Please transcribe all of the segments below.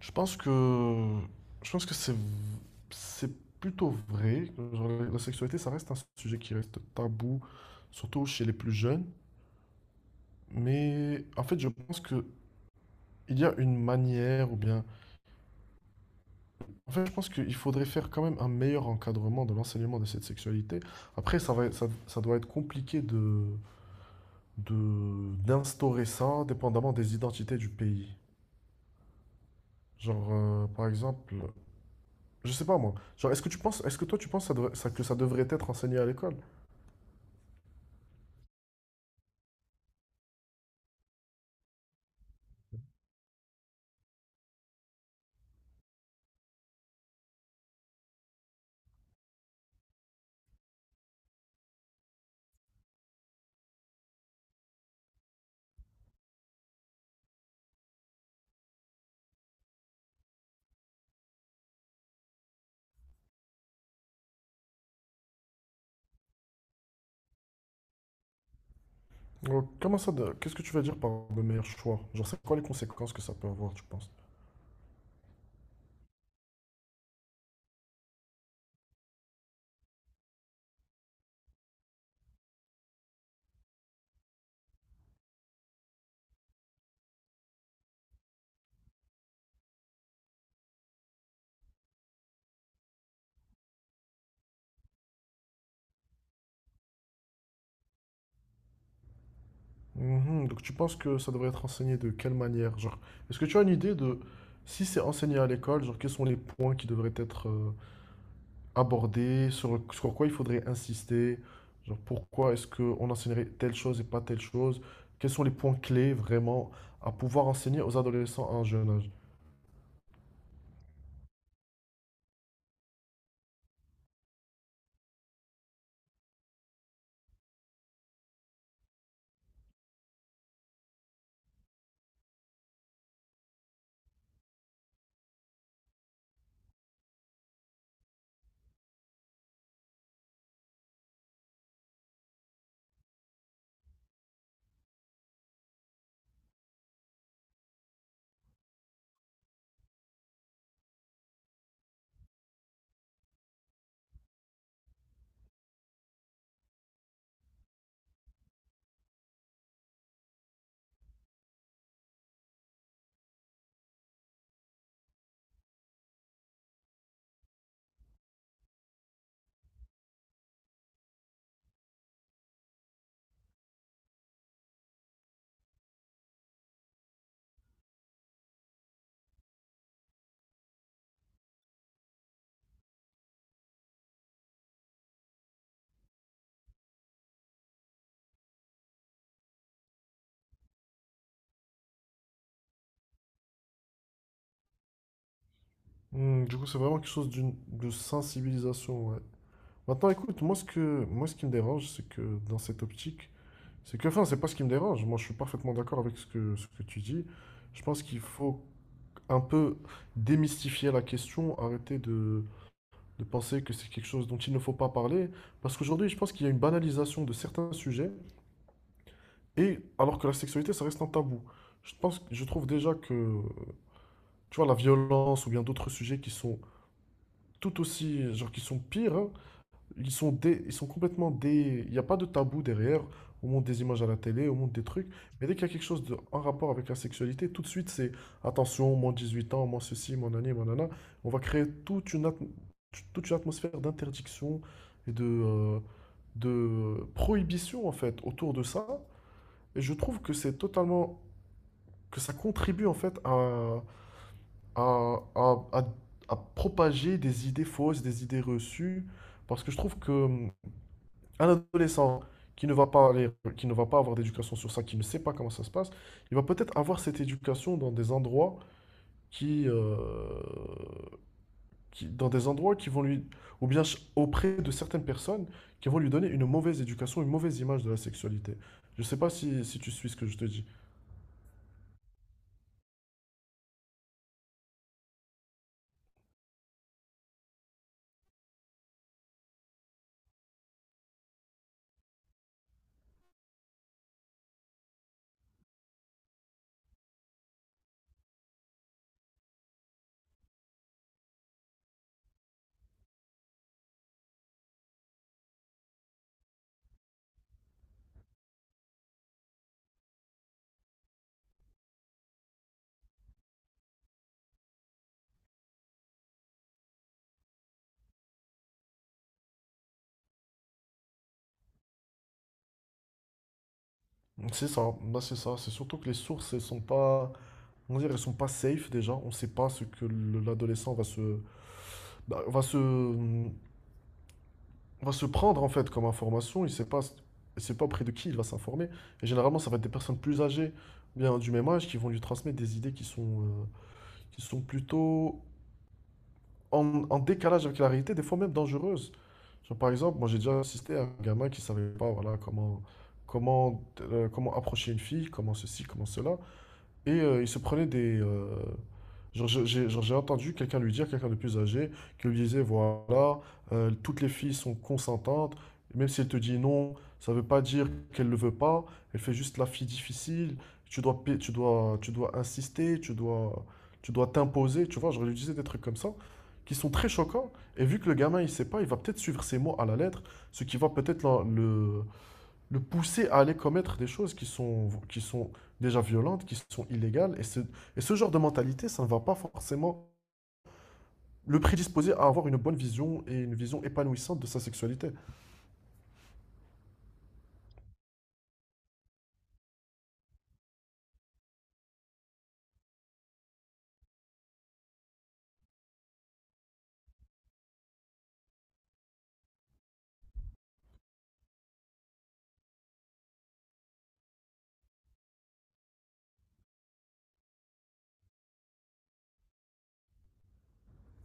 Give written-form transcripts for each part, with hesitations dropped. Je pense que, je pense que c'est plutôt vrai. Genre, la sexualité, ça reste un sujet qui reste tabou, surtout chez les plus jeunes. Mais en fait, je pense que il y a une manière, ou bien, en fait, je pense qu'il faudrait faire quand même un meilleur encadrement de l'enseignement de cette sexualité. Après, ça va, ça doit être compliqué de, d'instaurer ça, dépendamment des identités du pays. Genre, par exemple, je sais pas moi. Genre, est-ce que toi, tu penses que ça devrait être enseigné à l'école? Oh, comment ça, qu'est-ce que tu veux dire par de meilleurs choix? Genre, c'est quoi les conséquences que ça peut avoir, tu penses? Mhm, donc, tu penses que ça devrait être enseigné de quelle manière? Genre, est-ce que tu as une idée de si c'est enseigné à l'école, genre, quels sont les points qui devraient être abordés, sur quoi il faudrait insister? Genre, pourquoi est-ce qu'on enseignerait telle chose et pas telle chose? Quels sont les points clés vraiment à pouvoir enseigner aux adolescents à un jeune âge? Hmm, du coup, c'est vraiment quelque chose de sensibilisation, ouais. Maintenant, écoute, moi ce qui me dérange, c'est que dans cette optique, c'est que enfin, c'est pas ce qui me dérange. Moi, je suis parfaitement d'accord avec ce que tu dis. Je pense qu'il faut un peu démystifier la question, arrêter de, penser que c'est quelque chose dont il ne faut pas parler, parce qu'aujourd'hui, je pense qu'il y a une banalisation de certains sujets, et alors que la sexualité, ça reste un tabou. Je trouve déjà que tu vois la violence ou bien d'autres sujets qui sont tout aussi, genre qui sont pires, hein. Ils sont complètement dé. Il n'y a pas de tabou derrière. On monte des images à la télé, on monte des trucs. Mais dès qu'il y a quelque chose de en rapport avec la sexualité, tout de suite, c'est attention, moins 18 ans, moins ceci, moins nani, moins nana. On va créer toute une atmosphère d'interdiction et de prohibition, en fait, autour de ça. Et je trouve que c'est totalement. Que ça contribue, en fait, à, à, à à propager des idées fausses, des idées reçues. Parce que je trouve que un adolescent qui ne va pas aller, qui ne va pas avoir d'éducation sur ça, qui ne sait pas comment ça se passe, il va peut-être avoir cette éducation qui, euh, dans des endroits qui vont lui, ou bien auprès de certaines personnes qui vont lui donner une mauvaise éducation, une mauvaise image de la sexualité. Je sais pas si tu suis ce que je te dis. C'est ça, bah c'est ça. C'est surtout que les sources, elles sont pas, on dirait, elles sont pas safe déjà. On sait pas ce que l'adolescent va se, bah, va se prendre en fait comme information, il sait pas auprès de qui il va s'informer. Et généralement, ça va être des personnes plus âgées, bien du même âge, qui vont lui transmettre des idées qui sont plutôt en décalage avec la réalité, des fois même dangereuses. Genre, par exemple, moi j'ai déjà assisté à un gamin qui ne savait pas voilà, comment approcher une fille, comment ceci, comment cela. Et il se prenait des. Genre, j'ai entendu quelqu'un lui dire, quelqu'un de plus âgé, qui lui disait, voilà, toutes les filles sont consentantes, même si elle te dit non, ça veut pas dire qu'elle le veut pas, elle fait juste la fille difficile, tu dois insister, tu dois t'imposer, tu vois, genre, il lui disait des trucs comme ça, qui sont très choquants, et vu que le gamin, il sait pas, il va peut-être suivre ses mots à la lettre, ce qui va peut-être le pousser à aller commettre des choses qui sont déjà violentes, qui sont illégales. Et ce genre de mentalité, ça ne va pas forcément le prédisposer à avoir une bonne vision et une vision épanouissante de sa sexualité.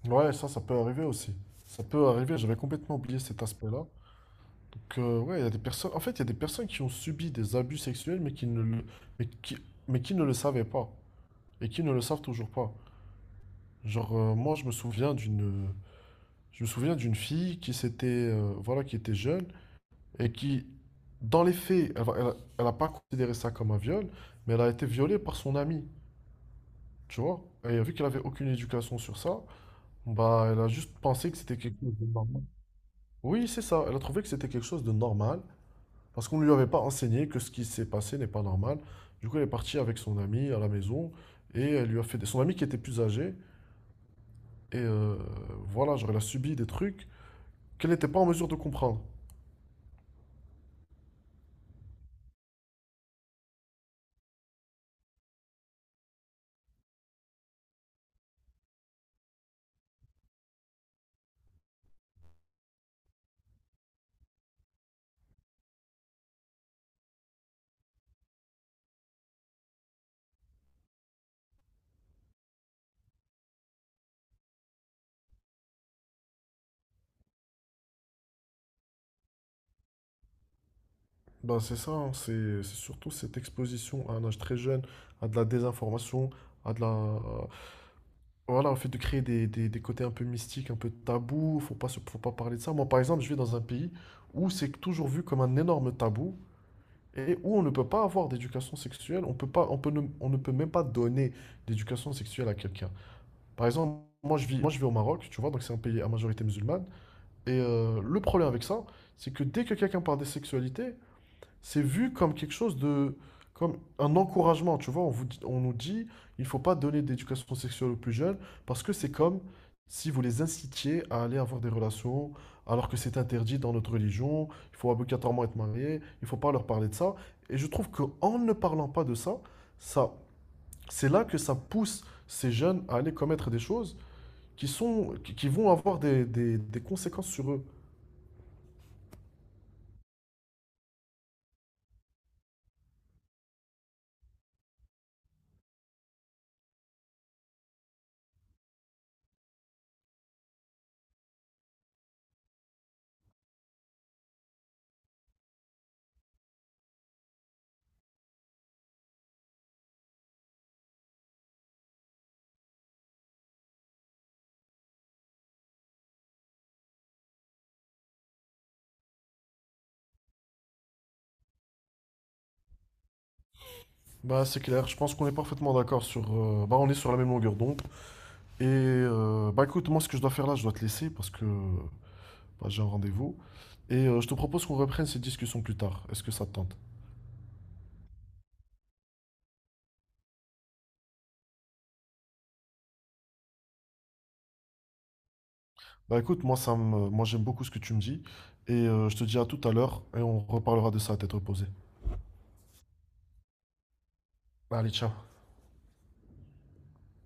Ouais, ça peut arriver aussi. Ça peut arriver, j'avais complètement oublié cet aspect-là. Donc, ouais, il y a des personnes qui ont subi des abus sexuels, mais qui, mais qui ne le savaient pas, et qui ne le savent toujours pas. Genre, moi, je me souviens d'une fille voilà, qui était jeune, et qui, dans les faits, a- pas considéré ça comme un viol, mais elle a été violée par son ami, tu vois. Et vu qu'elle avait aucune éducation sur ça, bah, elle a juste pensé que c'était quelque chose de normal. Oui, c'est ça. Elle a trouvé que c'était quelque chose de normal parce qu'on ne lui avait pas enseigné que ce qui s'est passé n'est pas normal. Du coup, elle est partie avec son ami à la maison et elle lui a fait des. Son ami qui était plus âgé et voilà, genre elle a subi des trucs qu'elle n'était pas en mesure de comprendre. Ben, c'est ça, hein, c'est surtout cette exposition à un âge très jeune, à de la désinformation, à de la voilà, au fait de créer des côtés un peu mystiques, un peu tabous, faut pas parler de ça. Moi, par exemple, je vis dans un pays où c'est toujours vu comme un énorme tabou et où on ne peut pas avoir d'éducation sexuelle, on ne peut même pas donner d'éducation sexuelle à quelqu'un. Par exemple, moi, je vis au Maroc, tu vois, donc c'est un pays à majorité musulmane, et le problème avec ça, c'est que dès que quelqu'un parle de sexualité, c'est vu comme comme un encouragement, tu vois. On nous dit, il faut pas donner d'éducation sexuelle aux plus jeunes parce que c'est comme si vous les incitiez à aller avoir des relations alors que c'est interdit dans notre religion. Il faut obligatoirement être marié. Il faut pas leur parler de ça. Et je trouve que en ne parlant pas de ça, ça, c'est là que ça pousse ces jeunes à aller commettre des choses qui vont avoir des conséquences sur eux. Bah, c'est clair. Je pense qu'on est parfaitement d'accord sur. Bah, on est sur la même longueur d'onde. Et bah, écoute, moi ce que je dois faire là, je dois te laisser parce que bah, j'ai un rendez-vous. Et je te propose qu'on reprenne ces discussions plus tard. Est-ce que ça te tente? Bah écoute, moi j'aime beaucoup ce que tu me dis. Et je te dis à tout à l'heure et on reparlera de ça à tête reposée. Bah, allez, ciao.